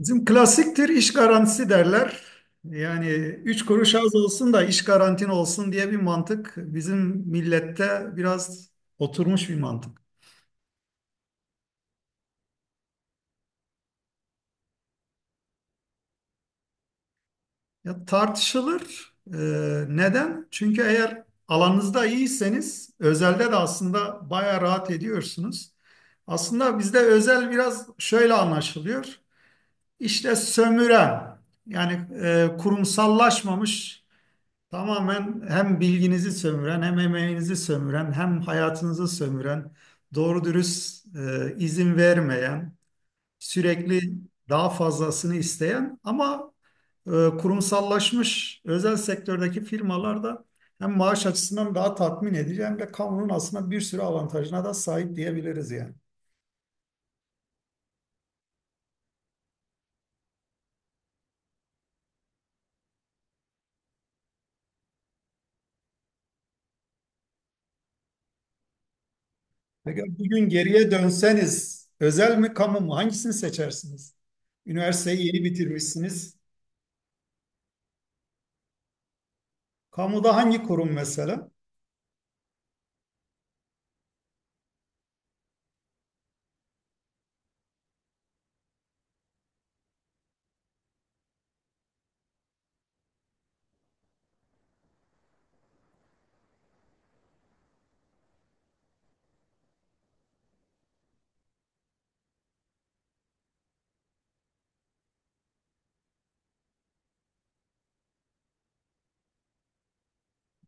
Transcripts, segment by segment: Bizim klasiktir iş garantisi derler. Yani üç kuruş az olsun da iş garantin olsun diye bir mantık bizim millette biraz oturmuş bir mantık. Ya tartışılır. Neden? Çünkü eğer alanınızda iyiyseniz özelde de aslında bayağı rahat ediyorsunuz. Aslında bizde özel biraz şöyle anlaşılıyor. İşte sömüren yani kurumsallaşmamış. Tamamen hem bilginizi sömüren, hem emeğinizi sömüren, hem hayatınızı sömüren, doğru dürüst izin vermeyen, sürekli daha fazlasını isteyen ama e, kurumsallaşmış özel sektördeki firmalar da hem maaş açısından daha tatmin edici hem de kamunun aslında bir sürü avantajına da sahip diyebiliriz yani. Peki bugün geriye dönseniz özel mi kamu mu hangisini seçersiniz? Üniversiteyi yeni bitirmişsiniz. Kamuda hangi kurum mesela?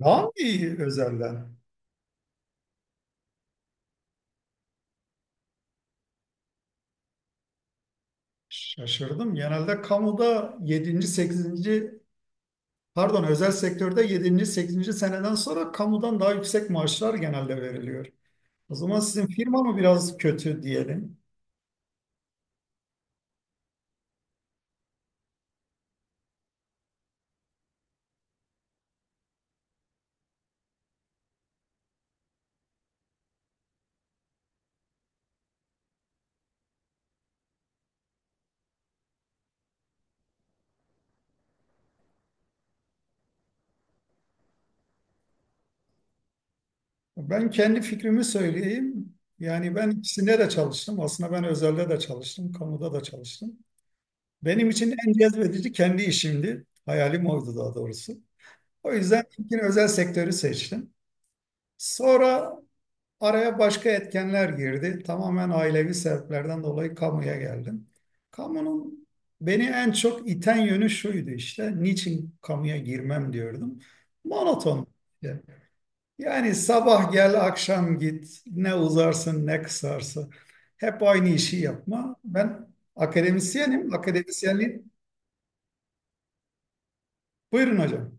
Daha iyi özelden? Şaşırdım. Genelde kamuda yedinci sekizinci, pardon, özel sektörde yedinci sekizinci seneden sonra kamudan daha yüksek maaşlar genelde veriliyor. O zaman sizin firma mı biraz kötü diyelim? Ben kendi fikrimi söyleyeyim. Yani ben ikisinde de çalıştım. Aslında ben özelde de çalıştım, kamuda da çalıştım. Benim için en cezbedici kendi işimdi. Hayalim oydu daha doğrusu. O yüzden ilkin özel sektörü seçtim. Sonra araya başka etkenler girdi. Tamamen ailevi sebeplerden dolayı kamuya geldim. Kamunun beni en çok iten yönü şuydu işte. Niçin kamuya girmem diyordum. Monoton. Yani sabah gel, akşam git. Ne uzarsın, ne kısarsın. Hep aynı işi yapma. Ben akademisyenim. Akademisyenliğin... Buyurun hocam.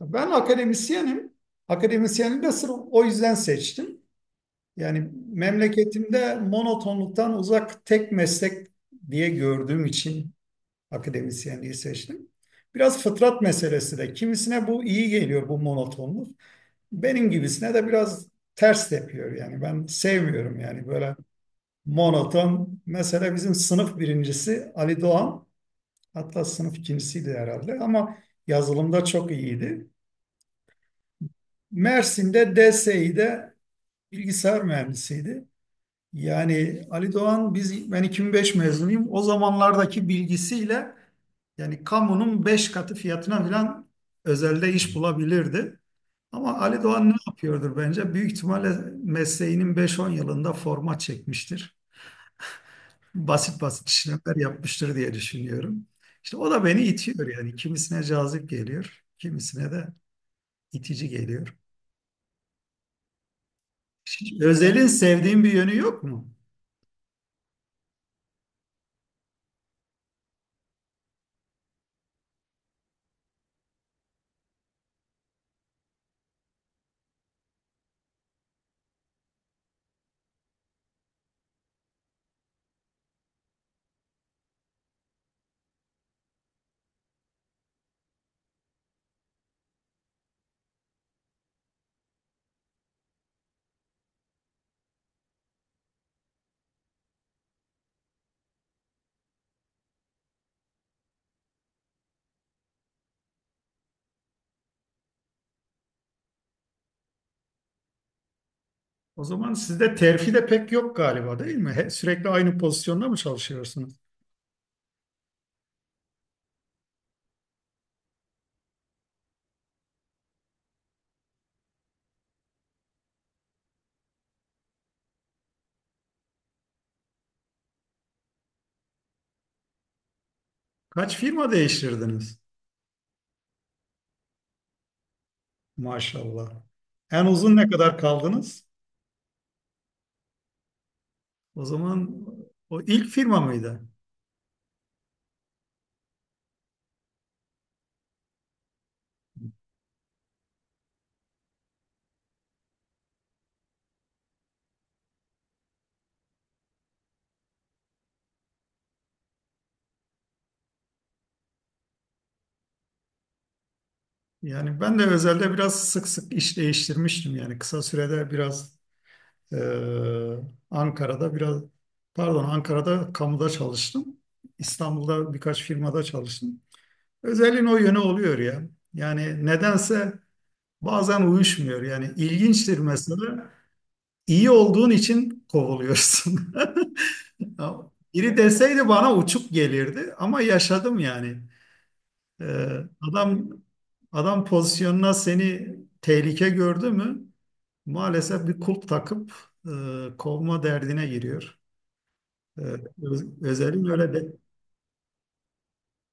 Ben akademisyenim. Akademisyenliği de sırf o yüzden seçtim. Yani memleketimde monotonluktan uzak tek meslek diye gördüğüm için akademisyenliği seçtim. Biraz fıtrat meselesi de. Kimisine bu iyi geliyor, bu monotonluk. Benim gibisine de biraz ters tepiyor yani. Ben sevmiyorum yani böyle monoton. Mesela bizim sınıf birincisi Ali Doğan. Hatta sınıf ikincisiydi herhalde ama yazılımda çok iyiydi. Mersin'de DSİ'de bilgisayar mühendisiydi. Yani Ali Doğan, ben 2005 mezunuyum. O zamanlardaki bilgisiyle yani kamunun 5 katı fiyatına falan özelde iş bulabilirdi. Ama Ali Doğan ne yapıyordur bence? Büyük ihtimalle mesleğinin 5-10 yılında format çekmiştir. Basit basit işlemler yapmıştır diye düşünüyorum. İşte o da beni itiyor yani. Kimisine cazip geliyor, kimisine de itici geliyor. Hiç özelin sevdiğim bir yönü yok mu? O zaman sizde terfi de pek yok galiba, değil mi? Sürekli aynı pozisyonda mı çalışıyorsunuz? Kaç firma değiştirdiniz? Maşallah. En uzun ne kadar kaldınız? O zaman o ilk firma mıydı? Yani ben de özelde biraz sık sık iş değiştirmiştim. Yani kısa sürede biraz eee, Ankara'da pardon, Ankara'da kamuda çalıştım. İstanbul'da birkaç firmada çalıştım. Özelliğin o yönü oluyor ya. Yani nedense bazen uyuşmuyor yani. İlginçtir mesela, iyi olduğun için kovuluyorsun. Ya biri deseydi bana uçuk gelirdi ama yaşadım yani. Ee, Adam, adam pozisyonuna seni tehlike gördü mü, maalesef bir kulp takıp kovma derdine giriyor. Ee, Özelim öyle de.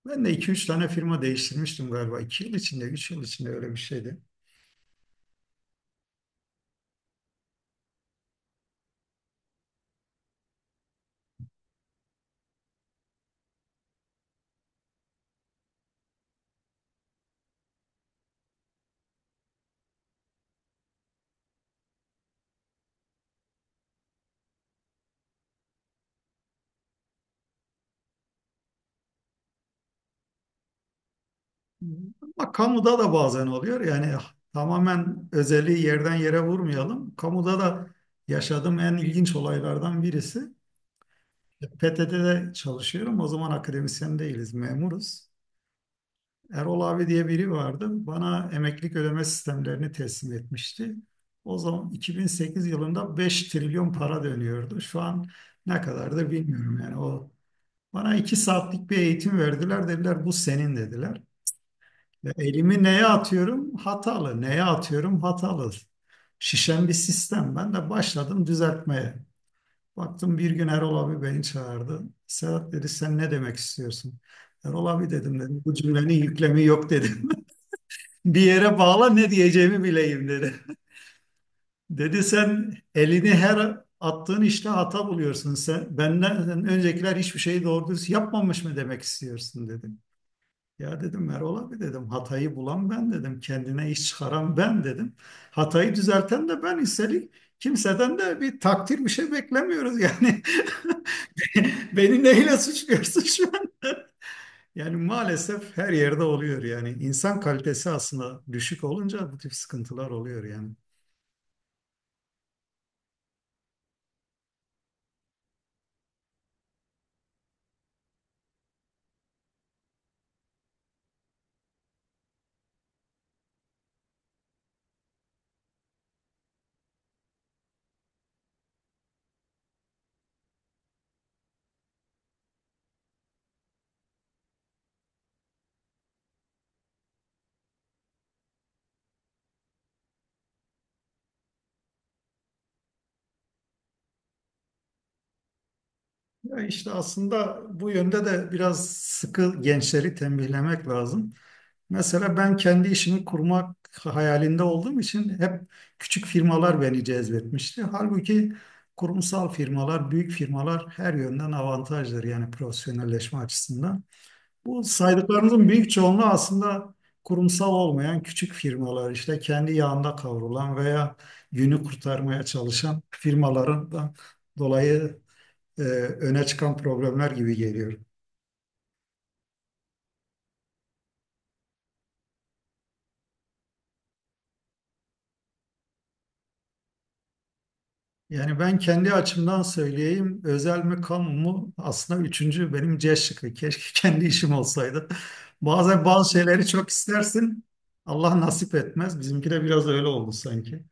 Ben de 2 3 tane firma değiştirmiştim galiba. İki yıl içinde, üç yıl içinde öyle bir şeydi. Ama kamuda da bazen oluyor. Yani tamamen özeli yerden yere vurmayalım. Kamuda da yaşadığım en ilginç olaylardan birisi: PTT'de çalışıyorum. O zaman akademisyen değiliz, memuruz. Erol abi diye biri vardı. Bana emeklilik ödeme sistemlerini teslim etmişti. O zaman 2008 yılında 5 trilyon para dönüyordu. Şu an ne kadardır bilmiyorum yani o. Bana 2 saatlik bir eğitim verdiler. Dediler bu senin, dediler. Ya elimi neye atıyorum? Hatalı. Neye atıyorum? Hatalı. Şişen bir sistem. Ben de başladım düzeltmeye. Baktım bir gün Erol abi beni çağırdı. Sedat dedi, sen ne demek istiyorsun? Erol abi dedim bu cümlenin yüklemi yok dedim. Bir yere bağla, ne diyeceğimi bileyim dedi. Dedi sen elini her attığın işte hata buluyorsun. Sen benden öncekiler hiçbir şeyi doğru düz yapmamış mı demek istiyorsun dedi. Ya dedim Erol abi, dedim hatayı bulan ben dedim, kendine iş çıkaran ben dedim. Hatayı düzelten de ben, üstelik kimseden de bir takdir bir şey beklemiyoruz yani. Beni neyle suçluyorsun şu an? Yani maalesef her yerde oluyor yani. İnsan kalitesi aslında düşük olunca bu tip sıkıntılar oluyor yani. Ya işte aslında bu yönde de biraz sıkı gençleri tembihlemek lazım. Mesela ben kendi işimi kurmak hayalinde olduğum için hep küçük firmalar beni cezbetmişti. Halbuki kurumsal firmalar, büyük firmalar her yönden avantajdır yani profesyonelleşme açısından. Bu saydıklarınızın büyük çoğunluğu aslında kurumsal olmayan küçük firmalar, işte kendi yağında kavrulan veya günü kurtarmaya çalışan firmaların da dolayı e, öne çıkan problemler gibi geliyor. Yani ben kendi açımdan söyleyeyim, özel mi kamu mu, aslında üçüncü benim C şıkkı. Keşke kendi işim olsaydı. Bazen bazı şeyleri çok istersin, Allah nasip etmez. Bizimki de biraz öyle oldu sanki.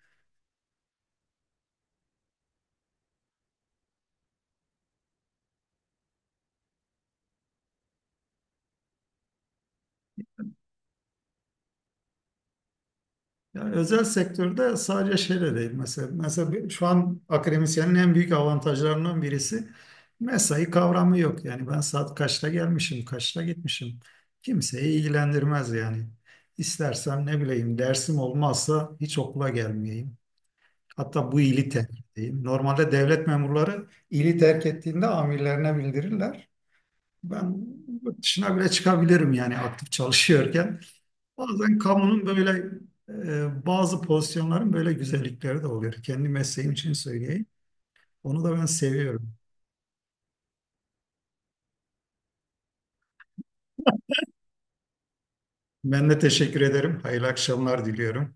Yani özel sektörde sadece şeyle değil mesela. Şu an akademisyenin en büyük avantajlarından birisi, mesai kavramı yok. Yani ben saat kaçta gelmişim, kaçta gitmişim, kimseyi ilgilendirmez yani. İstersem ne bileyim dersim olmazsa hiç okula gelmeyeyim. Hatta bu ili terk edeyim. Normalde devlet memurları ili terk ettiğinde amirlerine bildirirler. Ben yurt dışına bile çıkabilirim yani aktif çalışıyorken. Bazen kamunun böyle, bazı pozisyonların böyle güzellikleri de oluyor. Kendi mesleğim için söyleyeyim. Onu da ben seviyorum. Ben de teşekkür ederim. Hayırlı akşamlar diliyorum.